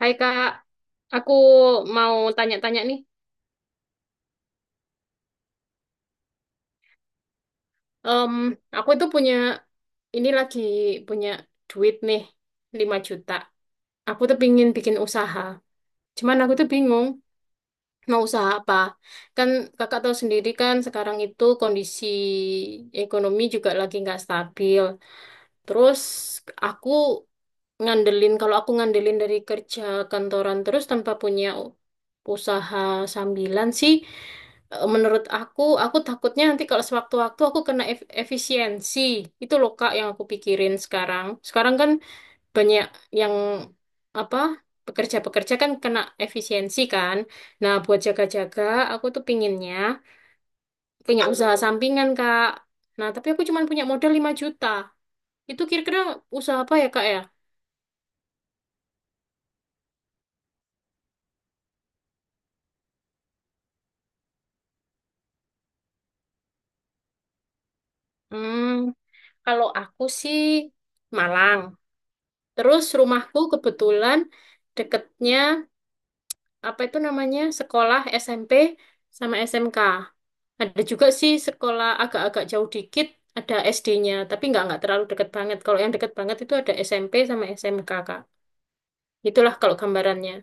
Hai Kak, aku mau tanya-tanya nih. Em, aku itu punya, ini lagi punya duit nih, 5 juta. Aku tuh pingin bikin usaha. Cuman aku tuh bingung mau usaha apa. Kan kakak tahu sendiri kan sekarang itu kondisi ekonomi juga lagi nggak stabil. Terus aku ngandelin, kalau aku ngandelin dari kerja kantoran terus tanpa punya usaha sambilan sih. Menurut aku takutnya nanti kalau sewaktu-waktu aku kena efisiensi. Itu loh Kak yang aku pikirin sekarang. Sekarang kan banyak yang apa pekerja-pekerja kan kena efisiensi kan. Nah, buat jaga-jaga, aku tuh pinginnya punya usaha sampingan Kak. Nah, tapi aku cuma punya modal 5 juta. Itu kira-kira usaha apa ya Kak ya? Hmm, kalau aku sih Malang. Terus rumahku kebetulan deketnya apa itu namanya sekolah SMP sama SMK. Ada juga sih sekolah agak-agak jauh dikit ada SD-nya, tapi nggak terlalu deket banget. Kalau yang deket banget itu ada SMP sama SMK, Kak. Itulah kalau gambarannya.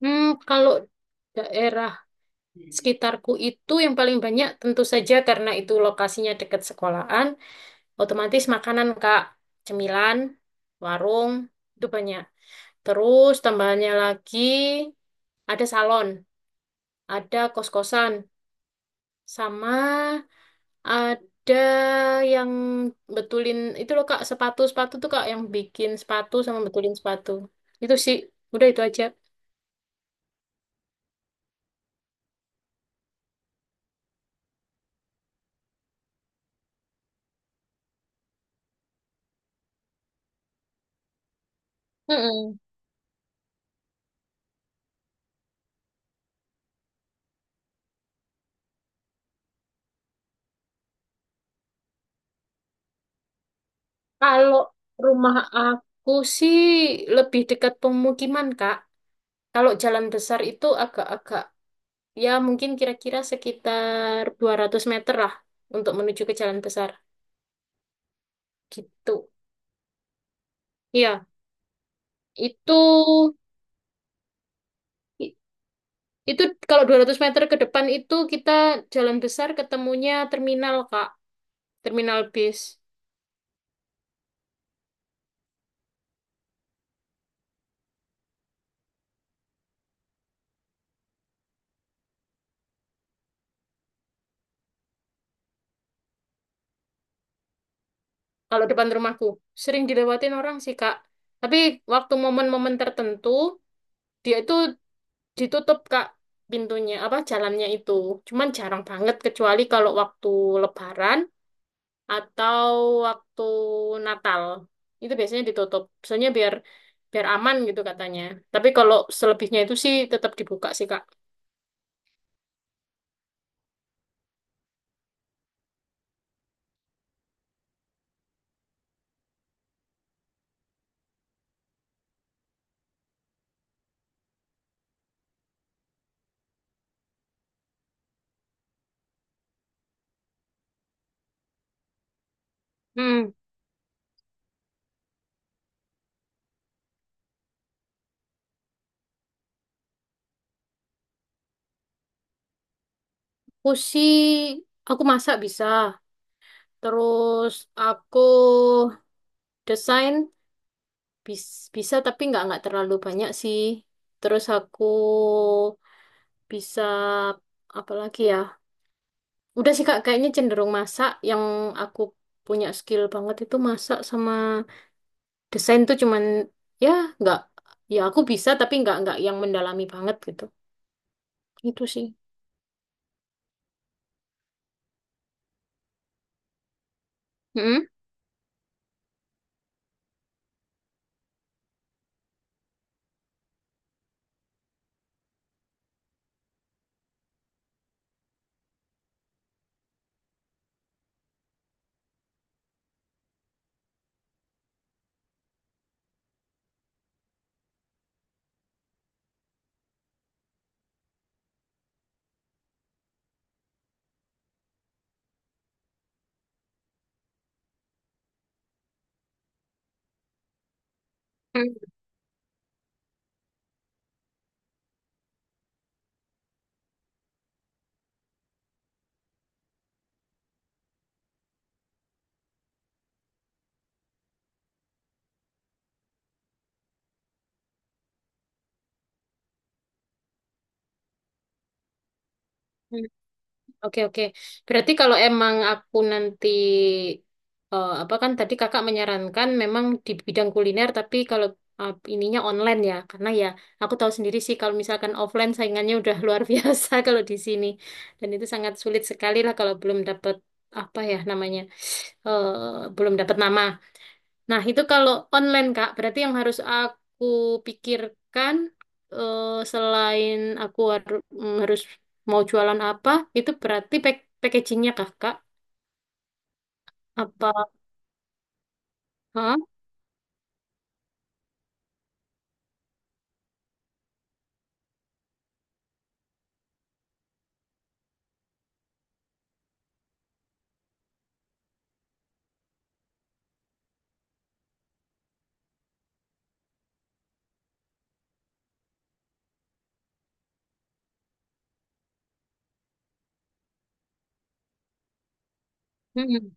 Hmm, kalau daerah sekitarku itu yang paling banyak tentu saja karena itu lokasinya dekat sekolahan, otomatis makanan, Kak, cemilan, warung itu banyak. Terus tambahannya lagi ada salon, ada kos-kosan. Sama ada yang betulin itu loh Kak, sepatu-sepatu tuh Kak yang bikin sepatu sama betulin sepatu. Itu sih, udah itu aja. Mm-mm. Kalau rumah aku sih lebih dekat pemukiman Kak. Kalau jalan besar itu agak-agak ya mungkin kira-kira sekitar 200 meter lah untuk menuju ke jalan besar gitu. Iya, itu Itu kalau 200 meter ke depan itu kita jalan besar ketemunya terminal, Kak. Terminal bis. Kalau depan rumahku. Sering dilewatin orang sih, Kak. Tapi waktu momen-momen tertentu, dia itu ditutup, Kak, pintunya, apa, jalannya itu. Cuman jarang banget, kecuali kalau waktu Lebaran atau waktu Natal. Itu biasanya ditutup. Soalnya biar biar aman gitu katanya. Tapi kalau selebihnya itu sih tetap dibuka sih, Kak. Hmm. Aku aku masak bisa. Terus aku desain bisa tapi nggak terlalu banyak sih. Terus aku bisa apa lagi ya? Udah sih Kak, kayaknya cenderung masak. Yang aku punya skill banget itu masak sama desain tuh cuman ya nggak ya aku bisa tapi nggak yang mendalami banget gitu. Itu sih. Mm. Oke, oke. Berarti kalau emang aku nanti apa kan tadi kakak menyarankan memang di bidang kuliner tapi kalau ininya online ya. Karena ya aku tahu sendiri sih kalau misalkan offline saingannya udah luar biasa kalau di sini. Dan itu sangat sulit sekali lah kalau belum dapat apa ya namanya belum dapat nama. Nah, itu kalau online, Kak, berarti yang harus aku pikirkan eh, selain aku haru- harus mau jualan apa, itu berarti packagingnya kak Kak? Apa? Hah? Mm-mm.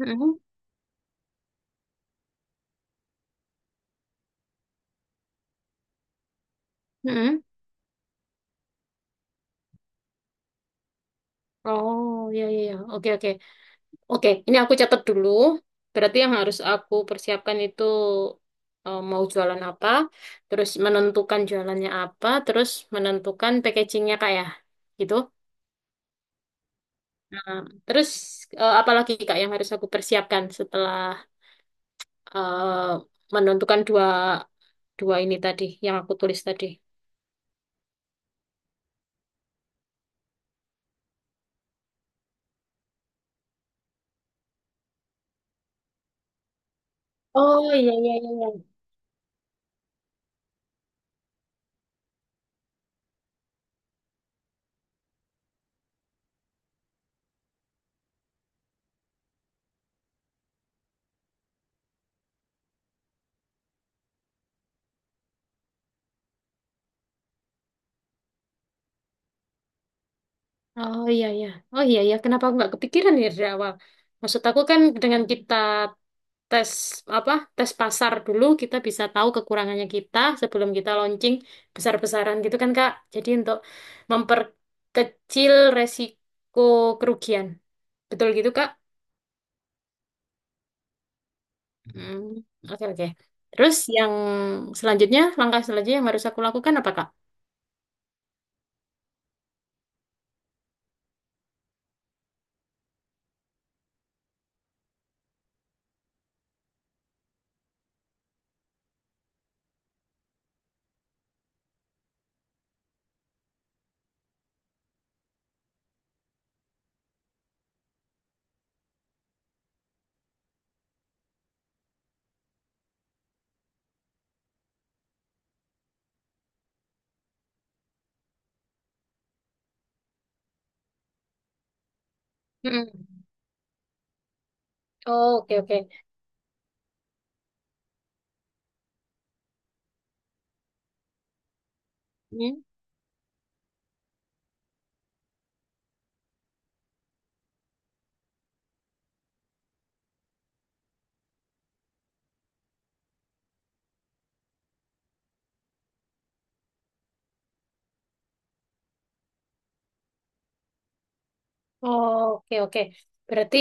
Mm-mm. Mm-mm. Oh, ya, ya, ya. Oke, oke. Oke, ini aku catat dulu. Berarti yang harus aku persiapkan itu mau jualan apa, terus menentukan jualannya apa, terus menentukan packagingnya, Kak, ya? Gitu. Nah, terus apalagi Kak yang harus aku persiapkan setelah eh, menentukan dua dua ini tadi yang aku tulis tadi. Oh, iya, iya, iya. Iya. Oh, iya, iya. Oh, iya, iya. Kenapa aku nggak kepikiran ya dari awal? Maksud aku kan dengan kita tes apa tes pasar dulu kita bisa tahu kekurangannya kita sebelum kita launching besar-besaran gitu kan Kak. Jadi untuk memperkecil resiko kerugian. Betul gitu Kak? Hmm, oke, oke. Terus yang selanjutnya, langkah selanjutnya yang harus aku lakukan apa, Kak? Mm-mm. Oh, oke, oke. Hmm? Oh, oke, oke. Berarti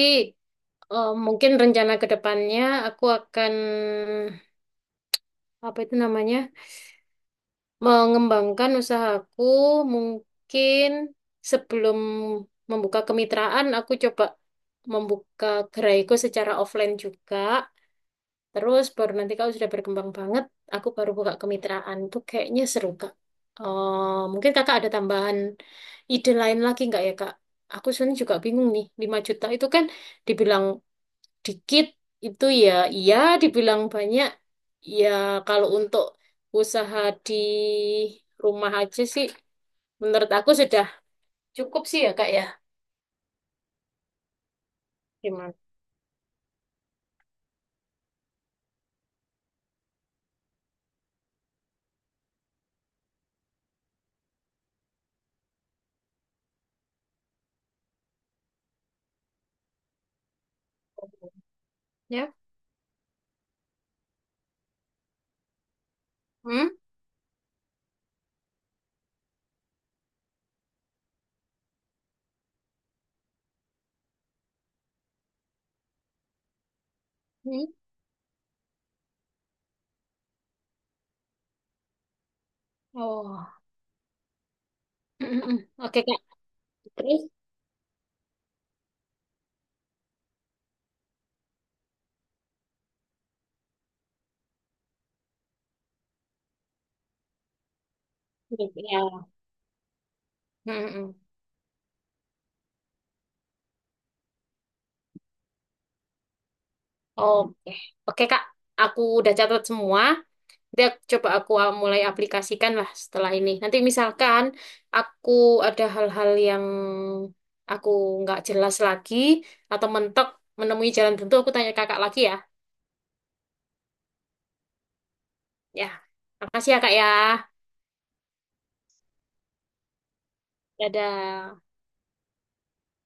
mungkin rencana ke depannya aku akan, apa itu namanya, mengembangkan usahaku mungkin sebelum membuka kemitraan, aku coba membuka geraiku secara offline juga. Terus baru nanti kalau sudah berkembang banget, aku baru buka kemitraan. Itu kayaknya seru, Kak. Mungkin Kakak ada tambahan ide lain lagi nggak ya, Kak? Aku sebenarnya juga bingung nih, 5 juta itu kan dibilang dikit, itu ya iya, dibilang banyak, ya kalau untuk usaha di rumah aja sih, menurut aku sudah cukup sih ya, Kak ya. Gimana? Ya? Hmm? Hmm? Oh. Oke, Kak. Terus? Ya. Hmm. Hmm. Oke, Oke Kak, aku udah catat semua. Nanti coba aku mulai aplikasikan lah setelah ini. Nanti misalkan aku ada hal-hal yang aku nggak jelas lagi atau mentok menemui jalan tentu, aku tanya kakak lagi ya. Ya, makasih ya Kak ya. Dadah.